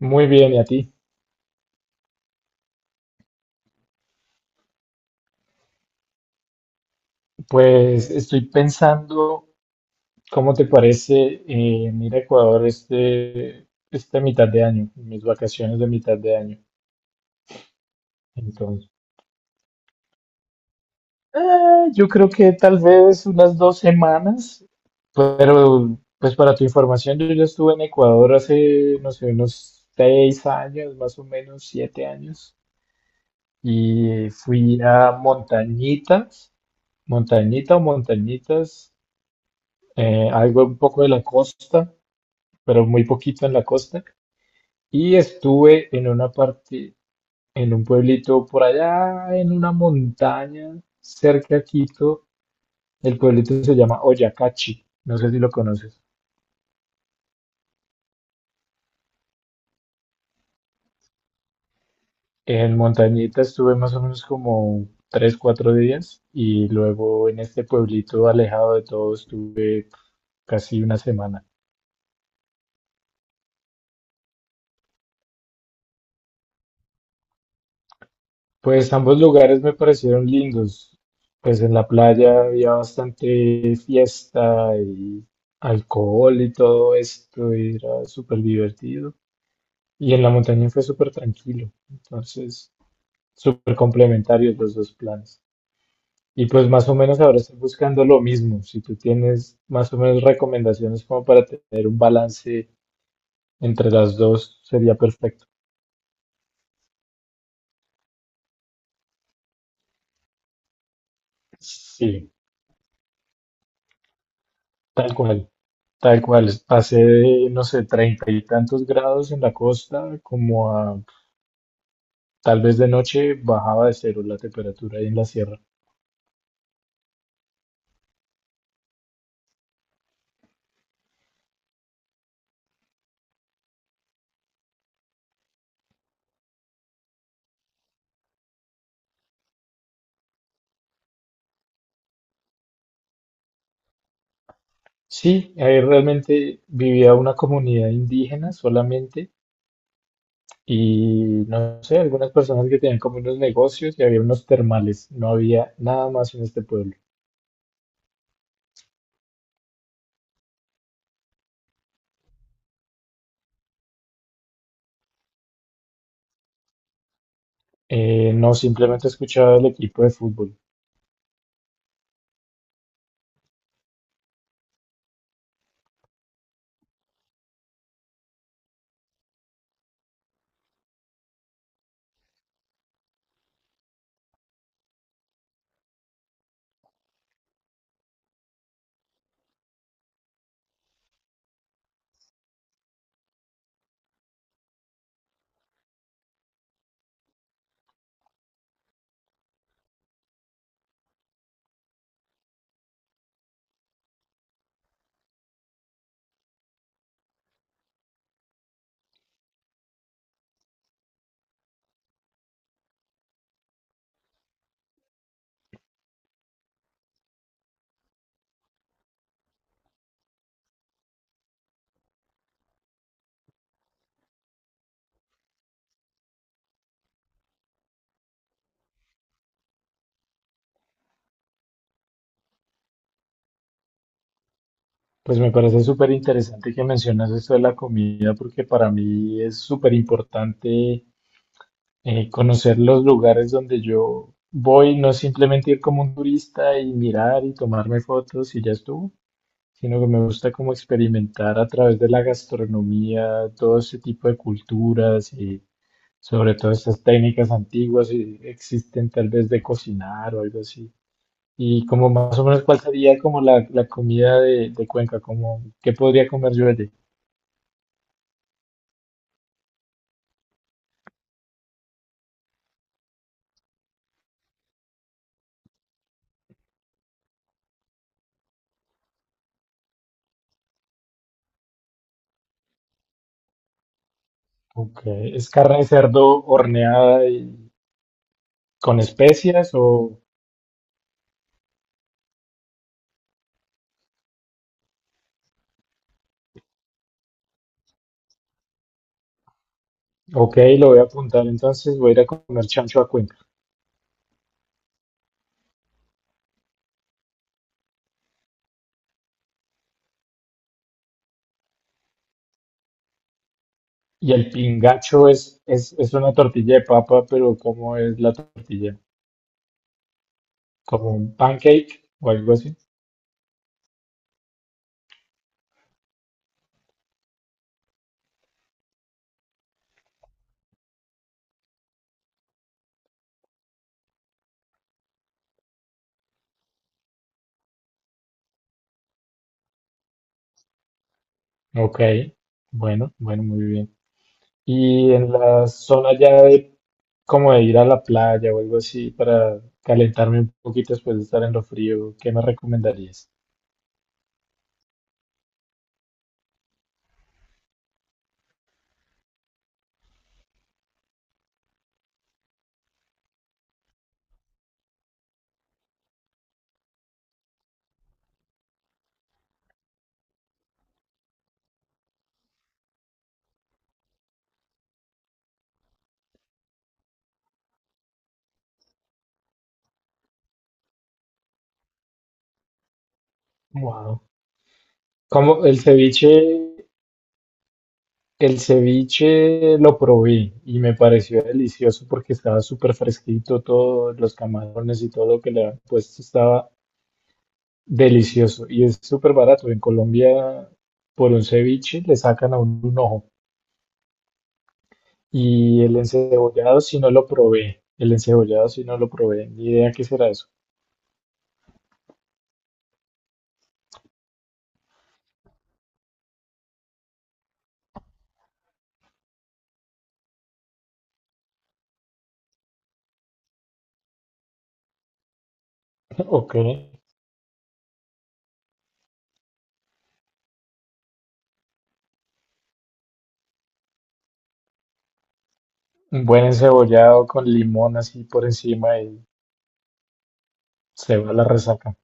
Muy bien, ¿y a ti? Pues estoy pensando, ¿cómo te parece en ir a Ecuador esta mitad de año, mis vacaciones de mitad de año? Entonces, yo creo que tal vez unas 2 semanas, pero pues para tu información, yo ya estuve en Ecuador hace, no sé, unos 6 años, más o menos 7 años, y fui a Montañitas, Montañita o Montañitas, algo un poco de la costa. Pero muy poquito en la costa. Y estuve en una parte, en un pueblito por allá, en una montaña cerca a Quito. El pueblito se llama Oyacachi, no sé si lo conoces. En Montañita estuve más o menos como 3, 4 días y luego en este pueblito alejado de todo estuve casi una semana. Pues ambos lugares me parecieron lindos. Pues en la playa había bastante fiesta y alcohol y todo esto, y era súper divertido. Y en la montaña fue súper tranquilo. Entonces, súper complementarios los dos planes. Y pues más o menos ahora estoy buscando lo mismo. Si tú tienes más o menos recomendaciones como para tener un balance entre las dos, sería perfecto. Sí, tal cual. Tal cual, pasé de, no sé, treinta y tantos grados en la costa, como a tal vez de noche bajaba de cero la temperatura ahí en la sierra. Sí, ahí realmente vivía una comunidad indígena solamente y no sé, algunas personas que tenían como unos negocios y había unos termales, no había nada más en este pueblo. No, simplemente escuchaba el equipo de fútbol. Pues me parece súper interesante que mencionas esto de la comida porque para mí es súper importante conocer los lugares donde yo voy, no simplemente ir como un turista y mirar y tomarme fotos y ya estuvo, sino que me gusta como experimentar a través de la gastronomía, todo ese tipo de culturas y sobre todo estas técnicas antiguas que existen tal vez de cocinar o algo así. Y como más o menos cuál sería como la comida de Cuenca, como qué podría comer yo allí. Ok, ¿es carne de cerdo horneada y con especias o? Ok, lo voy a apuntar entonces, voy a ir a comer chancho a Cuenca. Y el pingacho es una tortilla de papa, pero ¿cómo es la tortilla? ¿Como un pancake o algo así? Ok, bueno, bueno, muy bien. Y en la zona ya de como de ir a la playa o algo así para calentarme un poquito después de estar en lo frío, ¿qué me recomendarías? Wow. Como el ceviche. El ceviche lo probé y me pareció delicioso porque estaba súper fresquito, todos los camarones y todo lo que le han puesto estaba delicioso y es súper barato. En Colombia, por un ceviche le sacan a uno un ojo. Y el encebollado si no lo probé. El encebollado si no lo probé. Ni idea qué será eso. Ok. Un buen encebollado con limón así por encima y se va la resaca.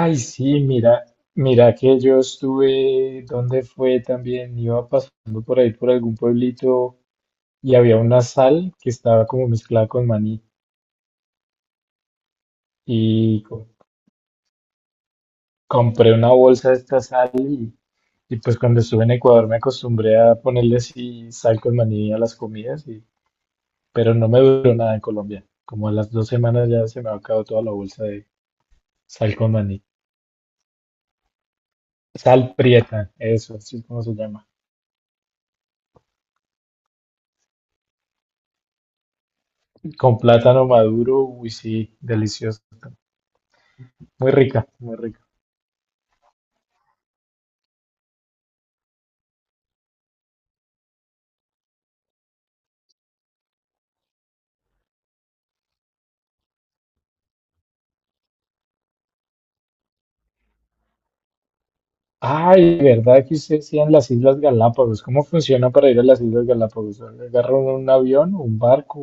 Ay, sí, mira, mira que yo estuve, ¿dónde fue también? Iba pasando por ahí, por algún pueblito, y había una sal que estaba como mezclada con maní. Y compré una bolsa de esta sal y pues cuando estuve en Ecuador me acostumbré a ponerle así sal con maní a las comidas, y, pero no me duró nada en Colombia. Como a las 2 semanas ya se me ha acabado toda la bolsa de sal con maní. Sal prieta, eso, así es como se llama. Con plátano maduro, uy, sí, delicioso. Muy rica, muy rica. Ay, ¿verdad que usted decía en las Islas Galápagos? ¿Cómo funciona para ir a las Islas Galápagos? ¿Agarra uno un avión un barco?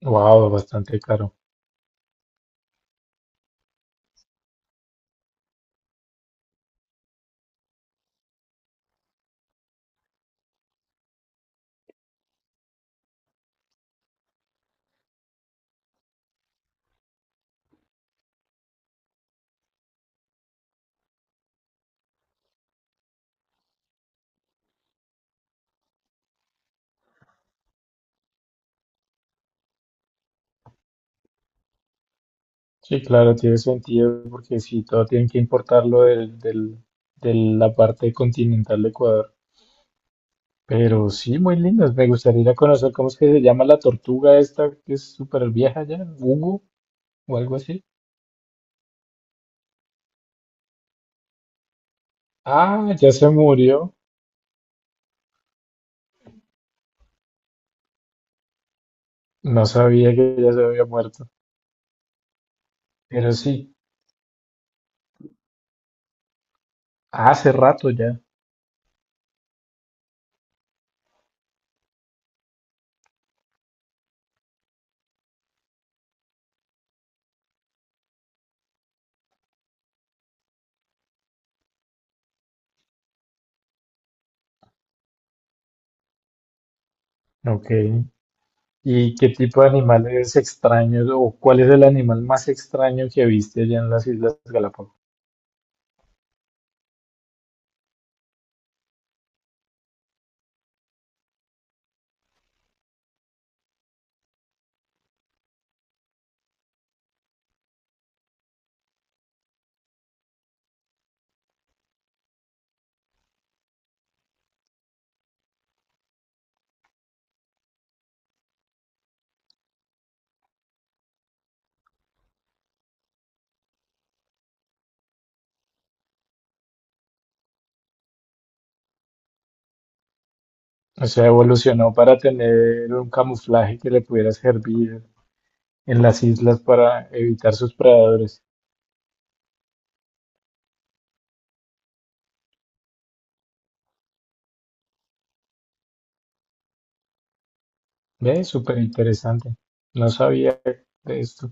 Wow, bastante caro. Sí, claro, tiene sentido porque si todo tienen que importarlo de la parte continental de Ecuador. Pero sí, muy lindas. Me gustaría ir a conocer cómo es que se llama la tortuga esta que es súper vieja ya, Hugo o algo así. Ah, ya se murió. No sabía que ya se había muerto, pero sí, hace rato ya. Ok. ¿Y qué tipo de animales extraños o cuál es el animal más extraño que viste allá en las Islas Galápagos? O sea, evolucionó para tener un camuflaje que le pudiera servir en las islas para evitar sus predadores. Ve, súper interesante. No sabía de esto.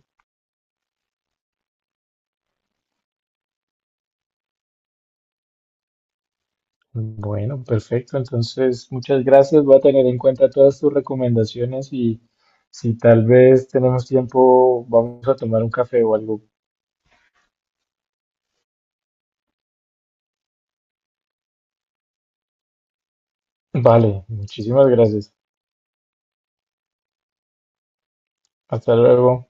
Bueno, perfecto. Entonces, muchas gracias. Voy a tener en cuenta todas tus recomendaciones y si tal vez tenemos tiempo, vamos a tomar un café o algo. Vale, muchísimas gracias. Hasta luego.